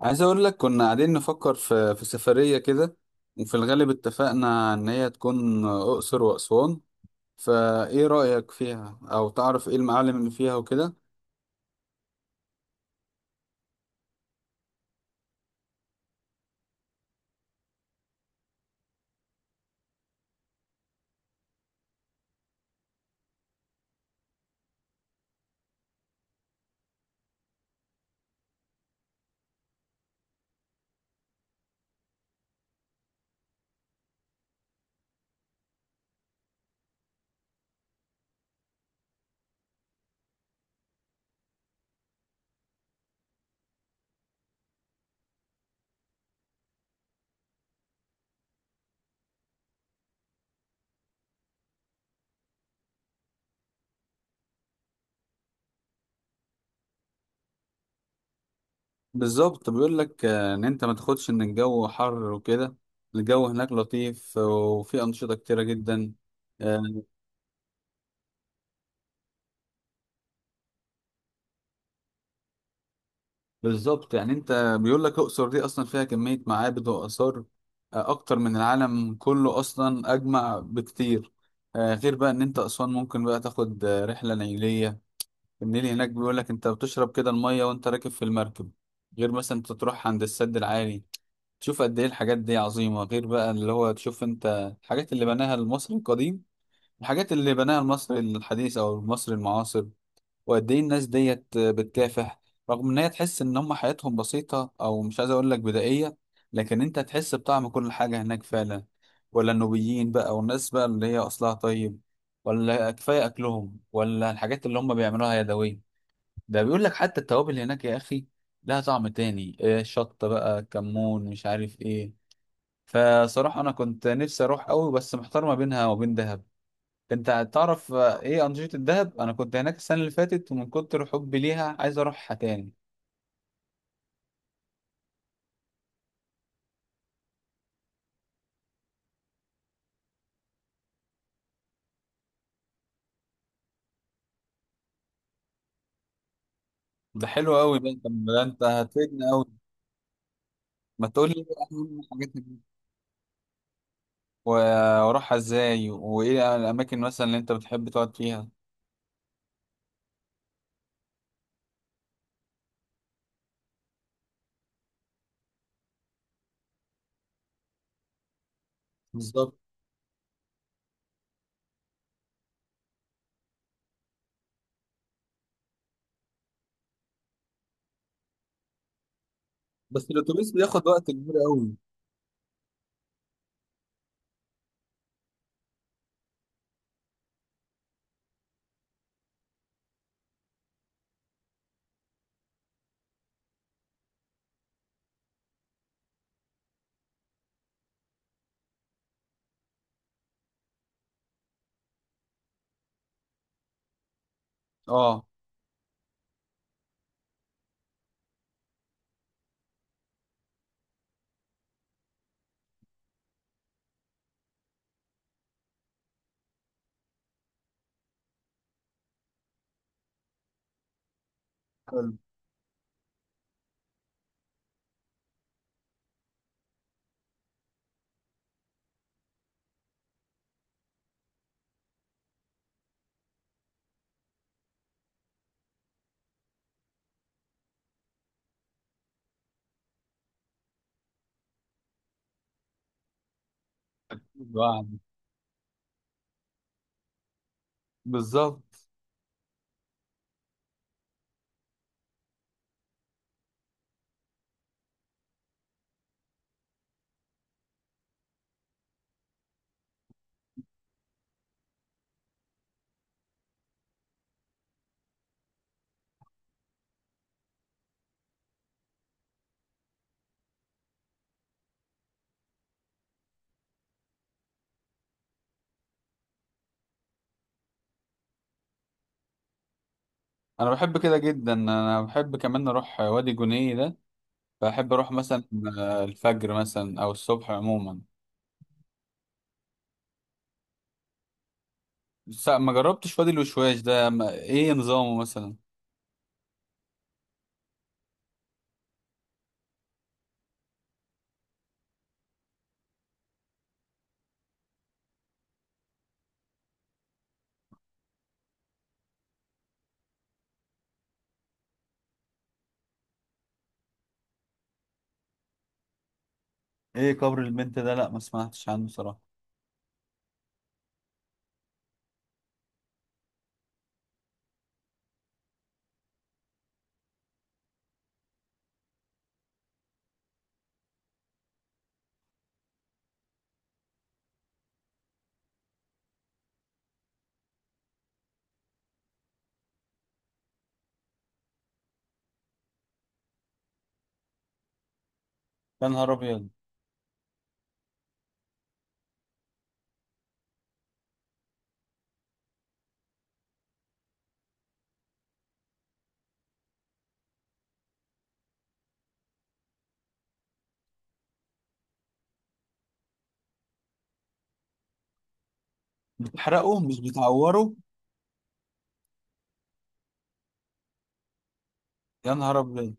عايز اقول لك كنا قاعدين نفكر في سفرية كده. وفي الغالب اتفقنا ان هي تكون اقصر واسوان، فايه رأيك فيها او تعرف ايه المعالم اللي فيها وكده؟ بالظبط، بيقول لك ان انت ما تاخدش ان الجو حر وكده، الجو هناك لطيف، وفي انشطة كتيرة جدا. بالظبط، يعني انت بيقول لك الاقصر دي اصلا فيها كميه معابد واثار اكتر من العالم كله اصلا اجمع بكتير. غير بقى ان انت اسوان ممكن بقى تاخد رحله نيليه. النيل هناك بيقول لك انت بتشرب كده الميه وانت راكب في المركب، غير مثلا انت تروح عند السد العالي، تشوف قد ايه الحاجات دي عظيمه، غير بقى اللي هو تشوف انت الحاجات اللي بناها المصري القديم، الحاجات اللي بناها المصري الحديث او المصري المعاصر. وقد ايه الناس ديت بتكافح، رغم ان هي تحس ان هم حياتهم بسيطة او مش عايز اقول لك بدائية، لكن انت تحس بطعم كل حاجة هناك فعلا. ولا النوبيين بقى والناس بقى اللي هي اصلها طيب، ولا كفاية اكلهم، ولا الحاجات اللي هم بيعملوها يدوية. ده بيقول لك حتى التوابل هناك يا اخي لها طعم تاني، إيه شطة بقى، كمون، مش عارف ايه. فصراحة انا كنت نفسي اروح قوي بس محتار ما بينها وبين دهب. انت تعرف ايه انشطة الدهب؟ انا كنت هناك السنة اللي فاتت ومن كتر حبي ليها عايز اروحها تاني. ده حلو قوي، ده انت هتفيدني قوي. ما تقول لي ايه اهم الحاجات و- واروحها ازاي وايه الاماكن مثلا اللي انت بتحب تقعد فيها. بالظبط. بس الاتوبيس بياخد وقت كبير قوي. اه. حلو. واحد. بالظبط، انا بحب كده جدا، انا بحب كمان اروح وادي جنيه ده، بحب اروح مثلا الفجر مثلا او الصبح عموما. بس ما جربتش وادي الوشواش ده، ما... ايه نظامه مثلا؟ ايه قبر البنت ده؟ لا، ما سمعتش عنه صراحة. يا نهار ابيض. بتحرقه مش بتعوره؟ يا نهار ابيض.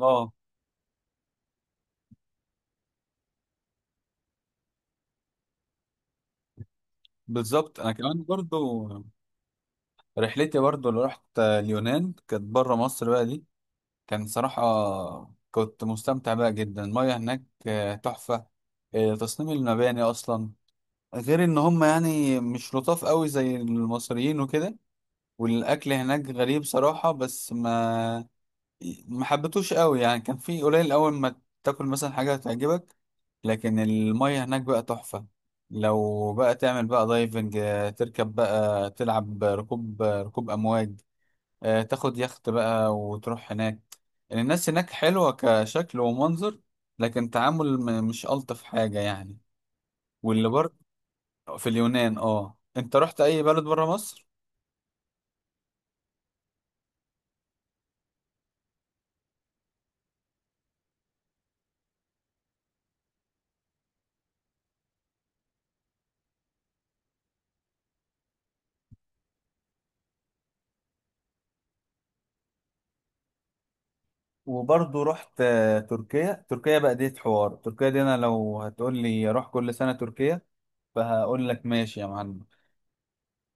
اه. بالظبط، انا كمان برضو رحلتي، برضو اللي رحت اليونان كانت بره مصر بقى دي، كان صراحة كنت مستمتع بقى جدا. المياه هناك تحفة، تصميم المباني اصلا، غير ان هم يعني مش لطاف قوي زي المصريين وكده. والاكل هناك غريب صراحة، بس ما حبيتوش قوي، يعني كان في قليل اول ما تاكل مثلا حاجه تعجبك، لكن الميه هناك بقى تحفه. لو بقى تعمل بقى دايفنج، تركب بقى تلعب ركوب امواج، تاخد يخت بقى وتروح هناك. يعني الناس هناك حلوه كشكل ومنظر، لكن تعامل مش الطف حاجه يعني. واللي برضه في اليونان. اه، انت رحت اي بلد بره مصر؟ وبرضه رحت تركيا. تركيا بقى دي حوار، تركيا دي انا لو هتقول لي اروح كل سنة تركيا فهقول لك ماشي يا معلم.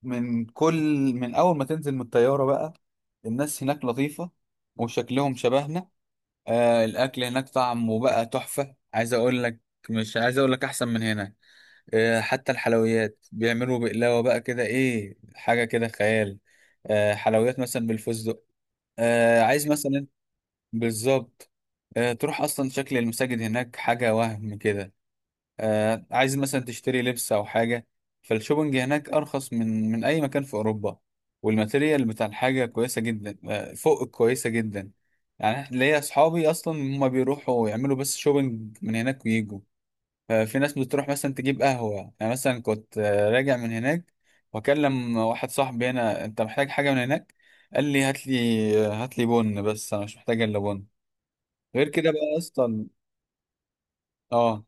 من كل من اول ما تنزل من الطيارة بقى، الناس هناك لطيفة وشكلهم شبهنا. الاكل هناك طعمه بقى تحفة، عايز اقول لك مش عايز اقول لك احسن من هنا. حتى الحلويات بيعملوا بقلاوة بقى كده، ايه، حاجة كده خيال، حلويات مثلا بالفستق، عايز مثلا. بالظبط. تروح اصلا شكل المساجد هناك حاجه، وهم كده عايز مثلا تشتري لبس او حاجه، فالشوبنج هناك ارخص من اي مكان في اوروبا، والماتيريال بتاع الحاجه كويسه جدا، فوق كويسه جدا. يعني ليا اصحابي اصلا هما بيروحوا يعملوا بس شوبنج من هناك ويجوا. في ناس بتروح مثلا تجيب قهوه، يعني مثلا كنت راجع من هناك واكلم واحد صاحبي هنا، انت محتاج حاجه من هناك؟ قال لي هات لي هات لي بن، بس انا مش محتاج الا بن غير كده بقى اصلا. اه،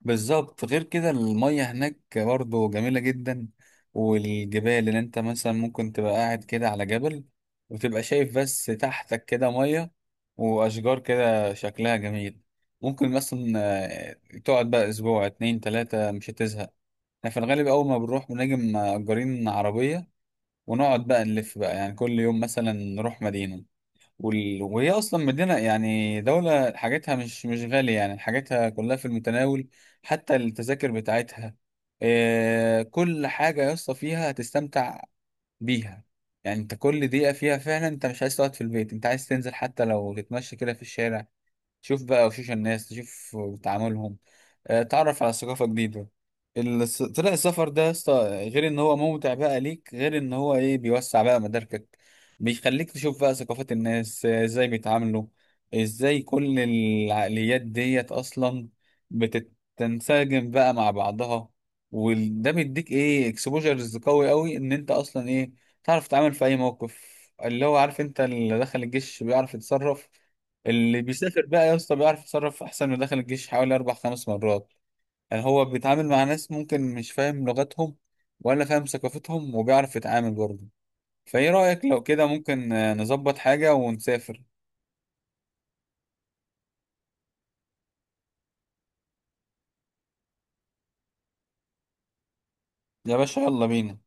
بالظبط. غير كده المية هناك برضو جميلة جدا، والجبال اللي انت مثلا ممكن تبقى قاعد كده على جبل وتبقى شايف بس تحتك كده مية، واشجار كده شكلها جميل. ممكن مثلا تقعد بقى اسبوع اتنين تلاتة مش هتزهق. احنا في الغالب اول ما بنروح بنجي مأجرين عربية، ونقعد بقى نلف بقى، يعني كل يوم مثلا نروح مدينة. وهي اصلا مدينه، يعني دوله حاجتها مش غاليه، يعني حاجتها كلها في المتناول، حتى التذاكر بتاعتها. كل حاجه يا اسطى فيها هتستمتع بيها. يعني انت كل دقيقه فيها فعلا انت مش عايز تقعد في البيت، انت عايز تنزل حتى لو تتمشى كده في الشارع، شوف بقى وشوش الناس، تشوف تعاملهم، تعرف على ثقافة جديدة. طلع السفر ده يا اسطى، غير ان هو ممتع بقى ليك، غير ان هو ايه، بيوسع بقى مداركك، بيخليك تشوف بقى ثقافات الناس ازاي بيتعاملوا، ازاي كل العقليات ديت اصلا بتتنسجم بقى مع بعضها، وده بيديك ايه اكسبوجرز قوي قوي ان انت اصلا ايه، تعرف تتعامل في اي موقف. اللي هو عارف، انت اللي دخل الجيش بيعرف يتصرف، اللي بيسافر بقى يا اسطى بيعرف يتصرف احسن ودخل الجيش حوالي 4 5 مرات. يعني هو بيتعامل مع ناس ممكن مش فاهم لغتهم ولا فاهم ثقافتهم وبيعرف يتعامل برضه. فايه رأيك لو كده ممكن نظبط حاجة ونسافر. يا باشا يلا بينا.